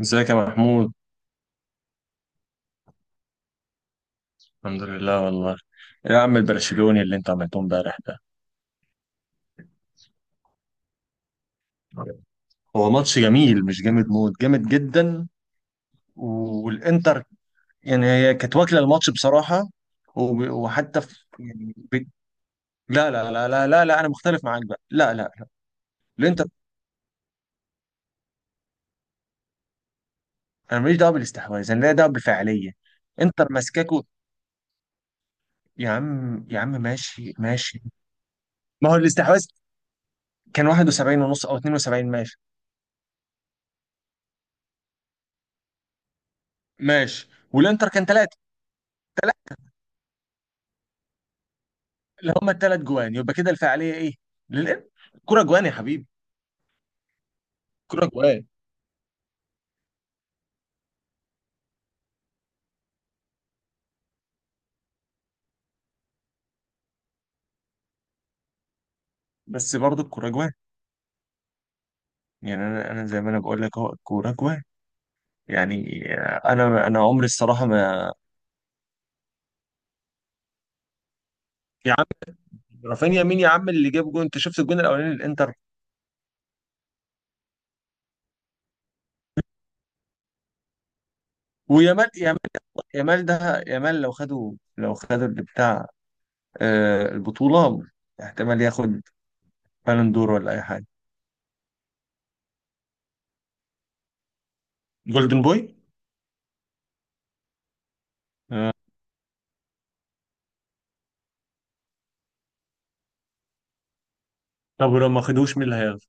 ازيك يا محمود؟ الحمد لله والله. يا عم، البرشلوني اللي انت عملته امبارح ده، هو ماتش جميل، مش جامد موت، جامد جدا. والانتر، يعني هي كانت واكله الماتش بصراحه. وحتى في يعني لا لا لا لا لا لا، انا مختلف معاك بقى، لا لا لا. الانتر، انا ماليش دعوه بالاستحواذ، انا ليا دعوه بالفعاليه. انتر ماسكاكو. يا عم يا عم، ماشي ماشي. ما هو الاستحواذ كان 71 ونص او 72، ماشي. ماشي، والانتر كان 3. اللي هما الثلاث جوان، يبقى كده الفعاليه ايه؟ للانتر. الكوره جوان يا حبيبي. الكوره جوان. بس برضه الكوره جوان، يعني انا زي ما انا بقول لك، اهو الكوره جوان، يعني. انا عمري الصراحه ما... يا عم، رافينيا مين يا عم اللي جاب جون؟ انت شفت الجون الاولاني للانتر؟ ويامال يامال. يامال ده، يامال لو خدوا اللي بتاع البطوله، احتمال ياخد بالون دور ولا اي حاجه. جولدن بوي. آه. طب ولو ما خدوش، مين اللي هياخد؟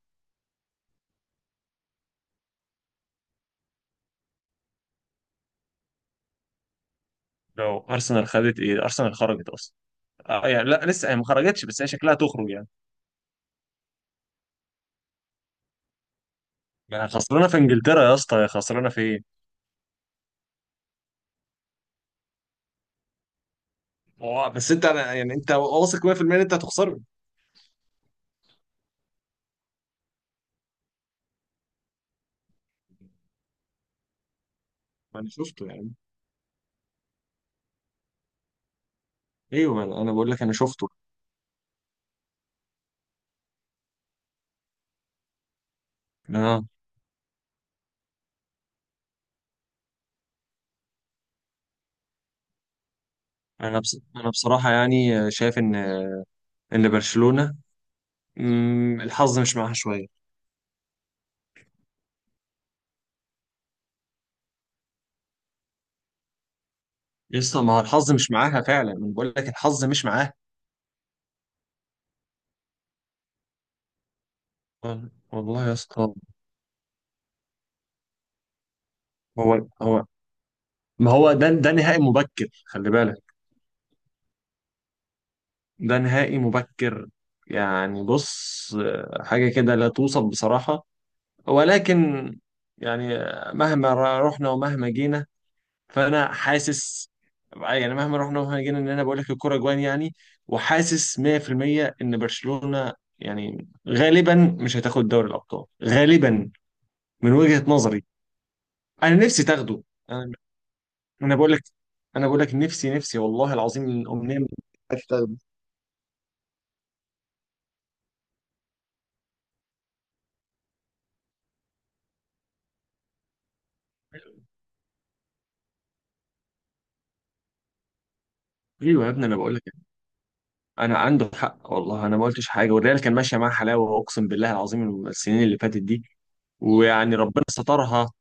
لو ارسنال خدت ايه؟ ارسنال خرجت اصلا. اه يعني لا، لسه هي ما خرجتش، بس هي شكلها تخرج يعني. ما خسرانه في انجلترا يا اسطى، هي خسرانه في ايه؟ هو بس انت انا يعني، انت واثق 100% ان انت هتخسره؟ ما انا شفته يعني. ايوه، ما انا بقول لك انا شفته. اه. انا بصراحه يعني، شايف ان، ان برشلونه، الحظ مش معاها شويه. يا اسطى ما هو الحظ مش معاها فعلا، انا بقول لك الحظ مش معاها. والله يا اسطى. هو، ما هو ده نهائي مبكر، خلي بالك. ده نهائي مبكر. يعني بص، حاجة كده لا توصف بصراحة. ولكن يعني مهما رحنا ومهما جينا، فأنا حاسس، يعني مهما رحنا ومهما جينا، إن أنا بقول لك الكرة جوان يعني. وحاسس 100% إن برشلونة، يعني غالبا مش هتاخد دوري الأبطال غالبا، من وجهة نظري. أنا نفسي تاخده. أنا، بقول لك، بقول لك نفسي نفسي والله العظيم الأمنية. عايز تاخده. ايوه يا ابني، انا بقول لك، انا عنده حق والله. انا ما قلتش حاجه، والريال كان ماشيه معاه حلاوه، اقسم بالله العظيم، السنين اللي فاتت دي. ويعني ربنا سترها.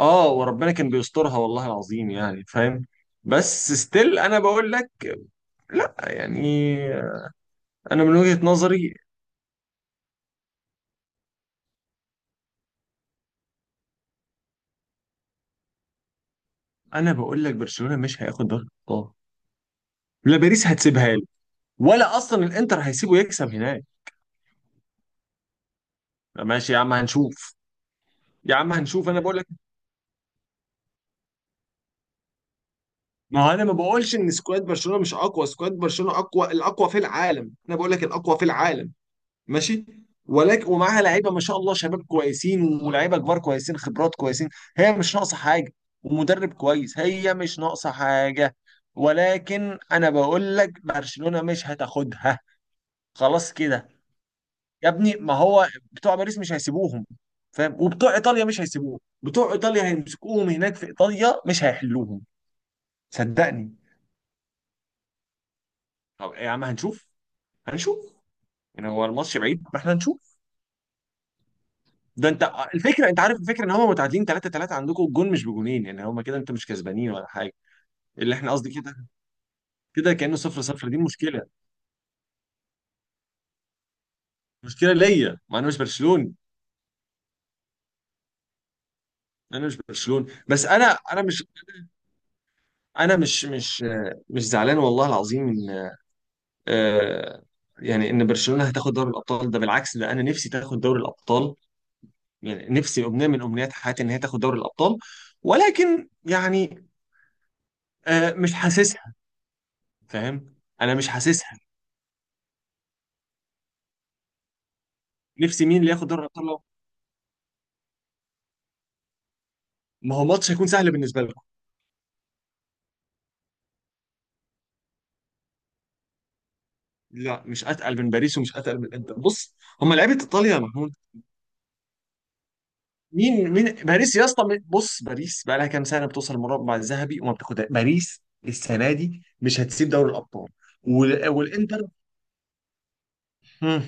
اه، وربنا كان بيسترها والله العظيم، يعني فاهم. بس ستيل، انا بقول لك، لا يعني، انا من وجهة نظري، انا بقول لك برشلونة مش هياخد دوري الابطال. لا، باريس هتسيبها له، ولا اصلا الانتر هيسيبه يكسب هناك. ماشي يا عم، هنشوف. يا عم هنشوف، انا بقول لك، ما هو انا ما بقولش ان سكواد برشلونة مش اقوى، سكواد برشلونة اقوى، الاقوى في العالم، انا بقول لك الاقوى في العالم. ماشي. ولكن، ومعاها لعيبه ما شاء الله، شباب كويسين ولاعيبه كبار كويسين، خبرات كويسين، هي مش ناقصه حاجه. ومدرب كويس. هي مش ناقصه حاجه. ولكن انا بقول لك برشلونه مش هتاخدها. خلاص كده. يا ابني، ما هو بتوع باريس مش هيسيبوهم، فاهم؟ وبتوع ايطاليا مش هيسيبوهم، بتوع ايطاليا هيمسكوهم هناك في ايطاليا، مش هيحلوهم. صدقني. طب يا عم هنشوف. هنشوف. يعني هو الماتش بعيد، ما احنا هنشوف. ده انت، الفكره، انت عارف الفكره، ان هم متعادلين 3-3 عندكم، الجون مش بجونين يعني، هم كده انت مش كسبانين ولا حاجه. اللي احنا قصدي كده، كده كانه 0-0، دي مشكله. مشكله ليا، ما انا مش برشلوني. انا مش برشلوني، بس انا انا مش انا مش مش مش زعلان والله العظيم ان آه، يعني ان برشلونه هتاخد دوري الابطال. ده بالعكس، ده انا نفسي تاخد دوري الابطال، يعني نفسي، امنيه من امنيات حياتي ان هي تاخد دوري الابطال. ولكن يعني مش حاسسها. فاهم؟ انا مش حاسسها. نفسي مين اللي ياخد دوري الابطال. ما هو ماتش هيكون سهل بالنسبه لكم. لا، مش اتقل من باريس، ومش اتقل من الانتر. بص، هم لعيبه ايطاليا يا محمود. مين باريس يا اسطى، بص، باريس بقى لها كام سنه بتوصل المربع الذهبي وما بتاخدها باريس. السنه دي مش هتسيب دوري الابطال. والانتر. مم.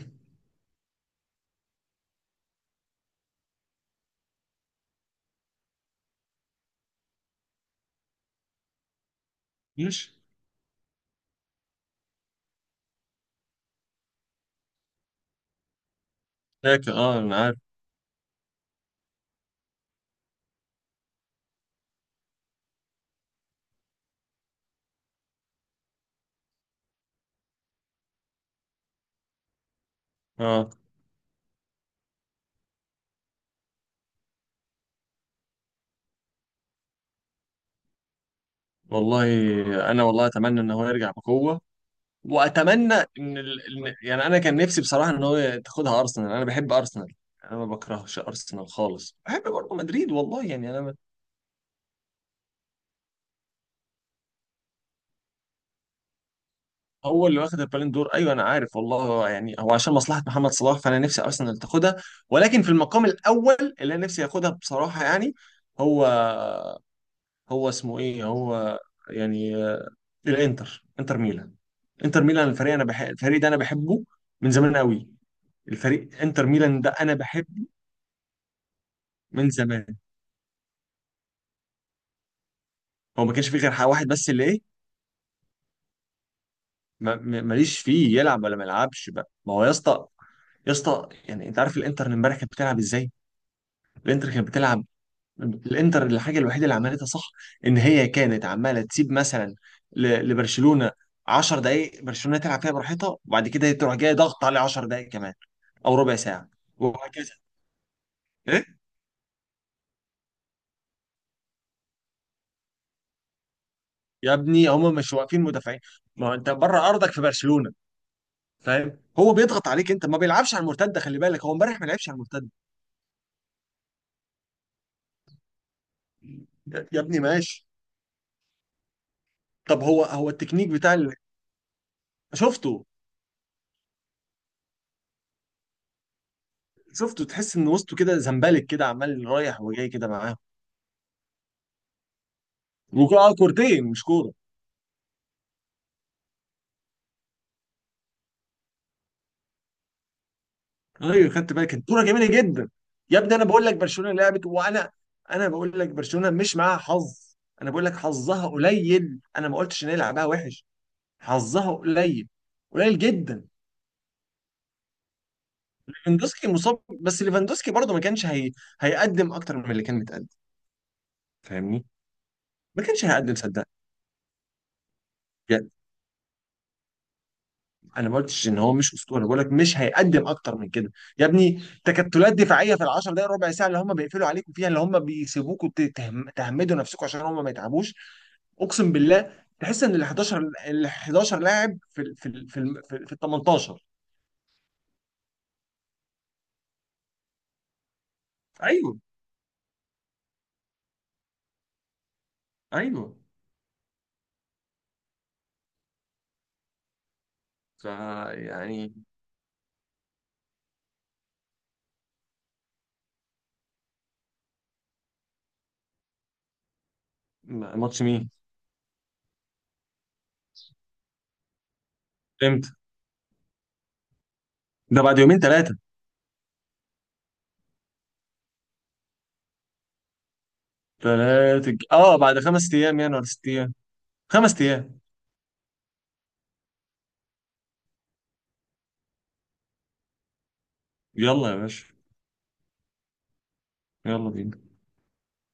ماشي، لكن اه انا عارف. اه والله، انا والله اتمنى ان هو يرجع بقوه، واتمنى يعني انا كان نفسي بصراحه ان هو تاخدها ارسنال، انا بحب ارسنال. انا ما بكرهش ارسنال خالص، بحب برضه مدريد والله، يعني انا. هو اللي واخد البالون دور، ايوه انا عارف والله. هو يعني، هو عشان مصلحه محمد صلاح، فانا نفسي ارسنال تاخدها. ولكن في المقام الاول، اللي انا نفسي ياخدها بصراحه يعني، هو هو اسمه ايه؟ هو يعني الانتر، انتر ميلان. انتر ميلان، الفريق، انا بحب الفريق ده، انا بحبه من زمان قوي. الفريق انتر ميلان ده انا بحبه من زمان. هو ما كانش فيه غير حاجة واحد بس، اللي ايه؟ ماليش فيه يلعب ولا ما يلعبش بقى. ما هو يا اسطى، يا اسطى يعني، انت عارف الانتر امبارح كانت بتلعب ازاي؟ الانتر كانت بتلعب. الانتر، الحاجه الوحيده اللي عملتها صح، ان هي كانت عماله تسيب مثلا لبرشلونه 10 دقائق، برشلونه تلعب فيها براحتها، وبعد كده تروح جاي ضغط عليه 10 دقائق كمان، او ربع ساعه، وهكذا. ايه. يا ابني، هم مش واقفين مدافعين، ما هو انت بره ارضك في برشلونه، فاهم؟ هو بيضغط عليك، انت ما بيلعبش على المرتده، خلي بالك هو امبارح ما لعبش على المرتده. يا ابني ماشي. طب، هو التكنيك بتاع شفته. شفته، تحس ان وسطه كده زمبلك كده، عمال رايح وجاي كده معاه. وكورتين، مش كوره. ايوه خدت بالي، كانت كوره جميله جدا. يا ابني انا بقول لك برشلونه لعبت، وانا، انا بقول لك برشلونه مش معاها حظ، انا بقول لك حظها قليل، انا ما قلتش ان هي لعبها وحش. حظها قليل، قليل جدا. ليفاندوسكي مصاب، بس ليفاندوسكي برضه ما كانش هيقدم اكتر من اللي كان متقدم، فاهمني؟ ما كانش هيقدم صدق. انا ما قلتش ان هو مش اسطوري، بقول لك مش هيقدم اكتر من كده. يا ابني تكتلات دفاعيه في العشر دقائق ربع ساعه اللي هم بيقفلوا عليكم فيها، اللي هم بيسيبوكوا تهمدوا نفسكم عشان هم ما يتعبوش. اقسم بالله، تحس ان ال 11، ال 11 لاعب في ال 18. ايوه. ايوه. ف يعني. ماتش مين؟ امتى؟ ده بعد يومين ثلاثه. ثلاثه، اه، بعد خمس ايام يعني، ولا ست ايام؟ خمس ايام. يلا يا باشا. يلا بينا.